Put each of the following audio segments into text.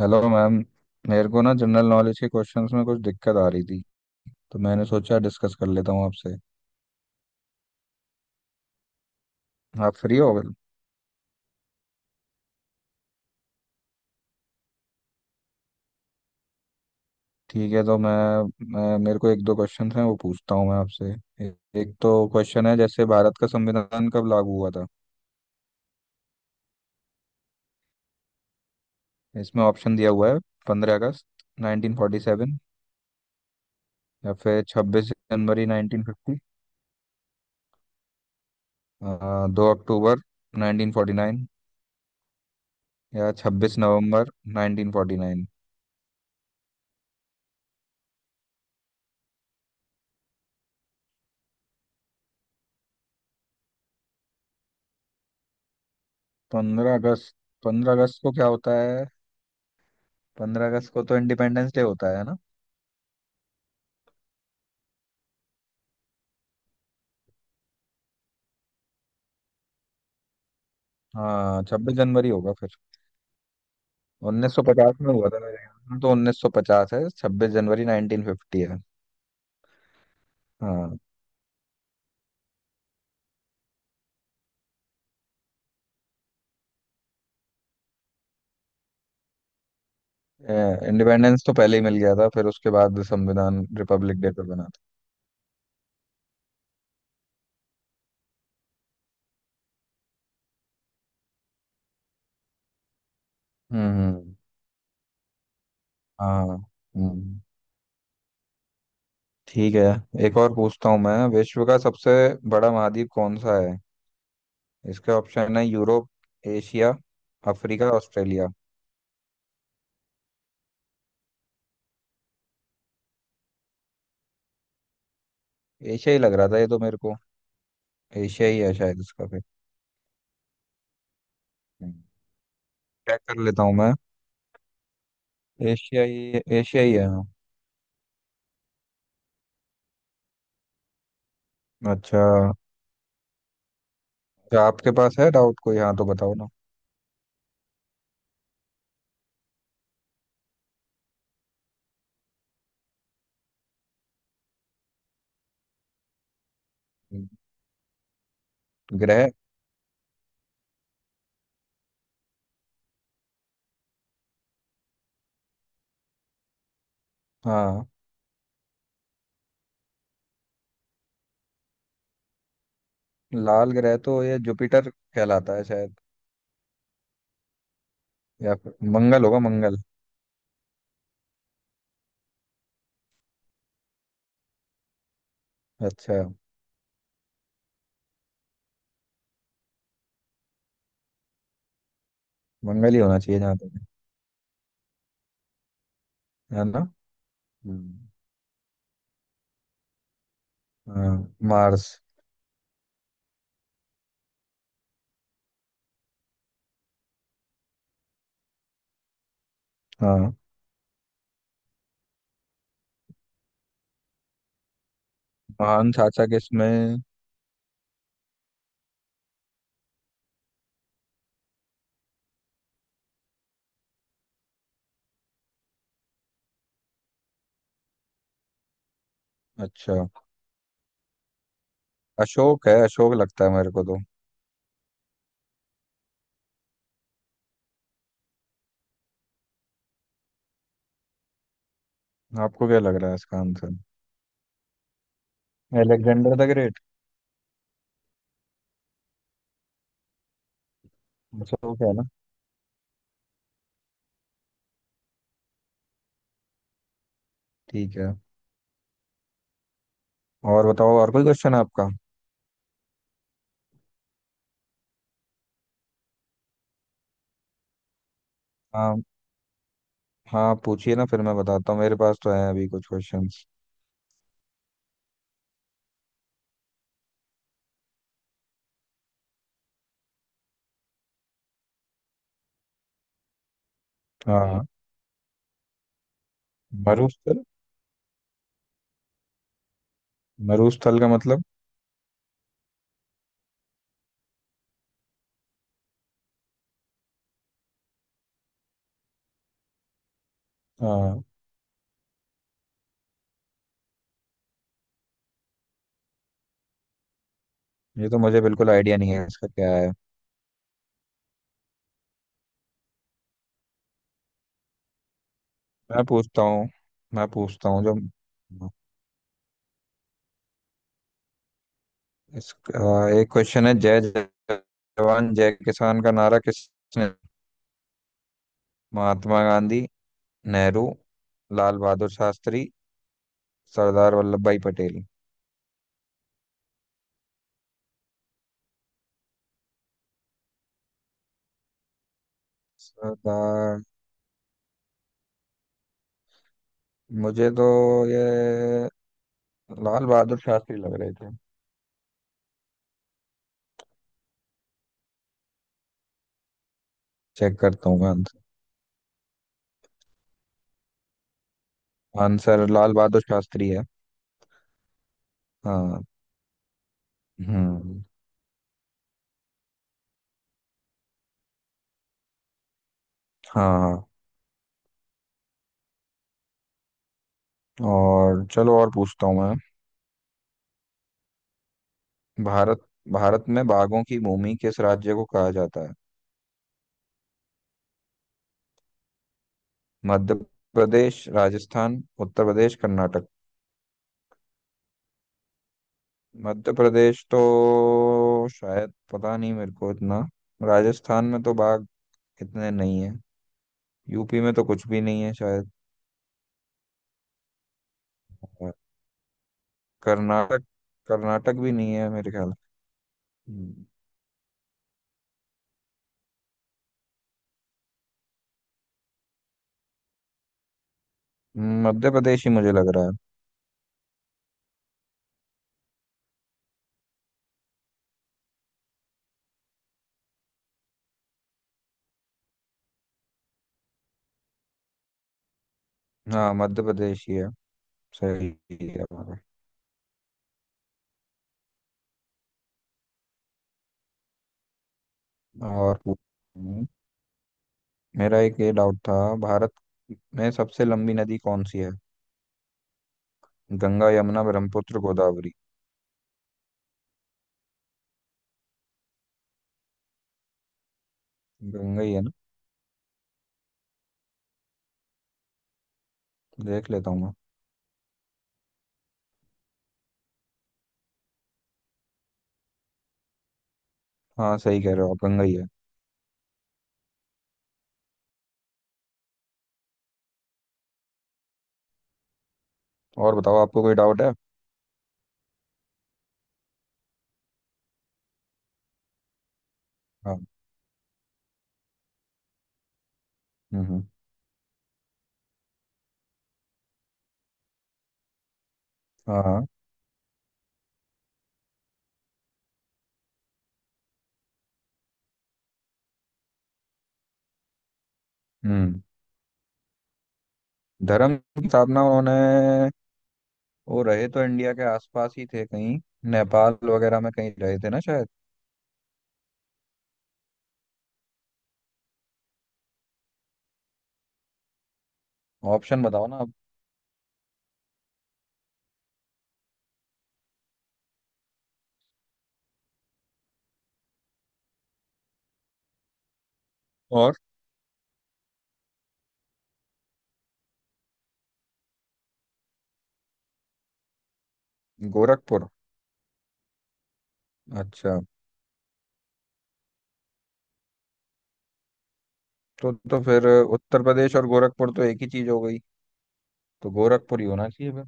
Hello ma'am. मेरे को ना जनरल नॉलेज के क्वेश्चंस में कुछ दिक्कत आ रही थी, तो मैंने सोचा डिस्कस कर लेता हूँ आपसे। आप फ्री हो? ठीक है। तो मैं मेरे को एक दो क्वेश्चंस हैं वो पूछता हूँ मैं आपसे। ए, एक तो क्वेश्चन है, जैसे भारत का संविधान कब लागू हुआ था? इसमें ऑप्शन दिया हुआ है, 15 अगस्त 1947, या फिर 26 जनवरी 1950, 2 अक्टूबर 1949, या 26 नवंबर 1949। 15 अगस्त। 15 अगस्त को क्या होता है? 15 अगस्त को तो इंडिपेंडेंस डे होता है ना। हाँ, 26 जनवरी होगा फिर। 1950 में हुआ था। मेरे यहाँ तो 1950 है, 26 जनवरी 1950 है। हाँ। इंडिपेंडेंस तो पहले ही मिल गया था, फिर उसके बाद संविधान रिपब्लिक डे पे बना था। हम्म, हाँ। हम्म। ठीक है। एक और पूछता हूँ मैं। विश्व का सबसे बड़ा महाद्वीप कौन सा है? इसके ऑप्शन है Europe, Asia, Africa, Australia. Asia ही लग रहा था ये तो मेरे को। एशिया ही है शायद इसका फिर। चेक कर लेता हूँ मैं। एशियाई एशियाई है हाँ। अच्छा। क्या आपके पास है डाउट कोई? हाँ तो बताओ ना। ग्रह। हाँ। लाल ग्रह तो ये जुपिटर कहलाता है शायद। या फिर मंगल होगा। मंगल। अच्छा। मंगल ही होना चाहिए जहाँ तक। है ना? हम्म। हाँ। मार्स। हाँ। महान साचा किसमें? अच्छा। अशोक है। अशोक लगता है मेरे को तो। आपको क्या लग रहा है इसका answer? Alexander the Great? Ashoka है ना? ठीक है। और बताओ, और कोई क्वेश्चन है आपका? हाँ। हाँ पूछिए ना, फिर मैं बताता हूँ। मेरे पास तो है अभी कुछ क्वेश्चंस। हाँ। मरुस्थल। मरुस्थल का मतलब? हाँ, ये तो मुझे बिल्कुल आइडिया नहीं है, इसका क्या है। मैं पूछता हूँ मैं पूछता हूँ जो। इसका एक क्वेश्चन है, जय जवान जय किसान का नारा किसने? महात्मा गांधी, नेहरू, लाल बहादुर शास्त्री, सरदार वल्लभ भाई पटेल? सरदार। मुझे तो ये लाल बहादुर शास्त्री लग रहे थे। चेक करता हूँ मैं। आंसर लाल बहादुर शास्त्री है। हाँ। हम्म। हाँ। और चलो और पूछता हूँ मैं। भारत भारत में बाघों की भूमि किस राज्य को कहा जाता है? मध्य प्रदेश, राजस्थान, उत्तर प्रदेश, कर्नाटक? मध्य प्रदेश तो शायद पता नहीं मेरे को इतना। राजस्थान में तो बाघ इतने नहीं है। यूपी में तो कुछ भी नहीं है शायद। और कर्नाटक? कर्नाटक भी नहीं है मेरे ख्याल। हम्म। मध्य प्रदेश ही मुझे लग रहा है। हाँ मध्य प्रदेश ही है। सही है भाई। और पूछ- मेरा एक ये डाउट था। भारत में सबसे लंबी नदी कौन सी है? गंगा, यमुना, ब्रह्मपुत्र, गोदावरी? गंगा ही है ना? देख लेता हूँ मैं। हाँ सही कह रहे हो आप, गंगा ही है। और बताओ, आपको कोई डाउट है? हाँ। हम्म, हाँ। हम्म। धर्म की स्थापना उन्होंने... वो रहे तो इंडिया के आसपास ही थे कहीं। नेपाल वगैरह में कहीं रहे थे ना शायद। ऑप्शन बताओ ना आप। और गोरखपुर? अच्छा। तो फिर उत्तर प्रदेश और गोरखपुर तो एक ही चीज हो गई। तो गोरखपुर ही होना चाहिए फिर।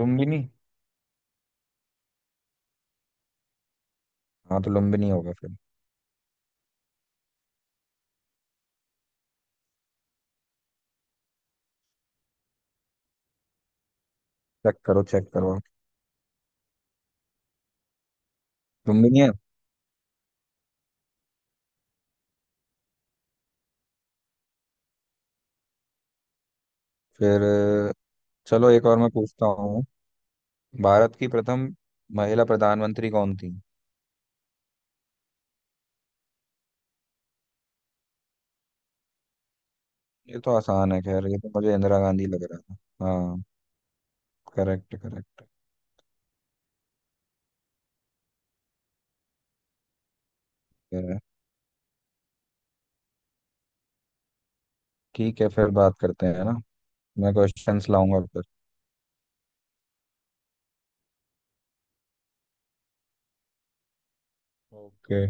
लुम्बिनी? हाँ तो लुम्बिनी होगा फिर। चेक करो आप। लुम्बिनी है। फिर अ, चलो एक और मैं पूछता हूँ। भारत की प्रथम महिला प्रधानमंत्री कौन थी? ये तो आसान है, खैर ये तो मुझे इंदिरा गांधी लग रहा था। हाँ। Correct, correct. ठीक है, फिर बात करते हैं है ना? मैं क्वेश्चंस लाऊंगा फिर। ओके।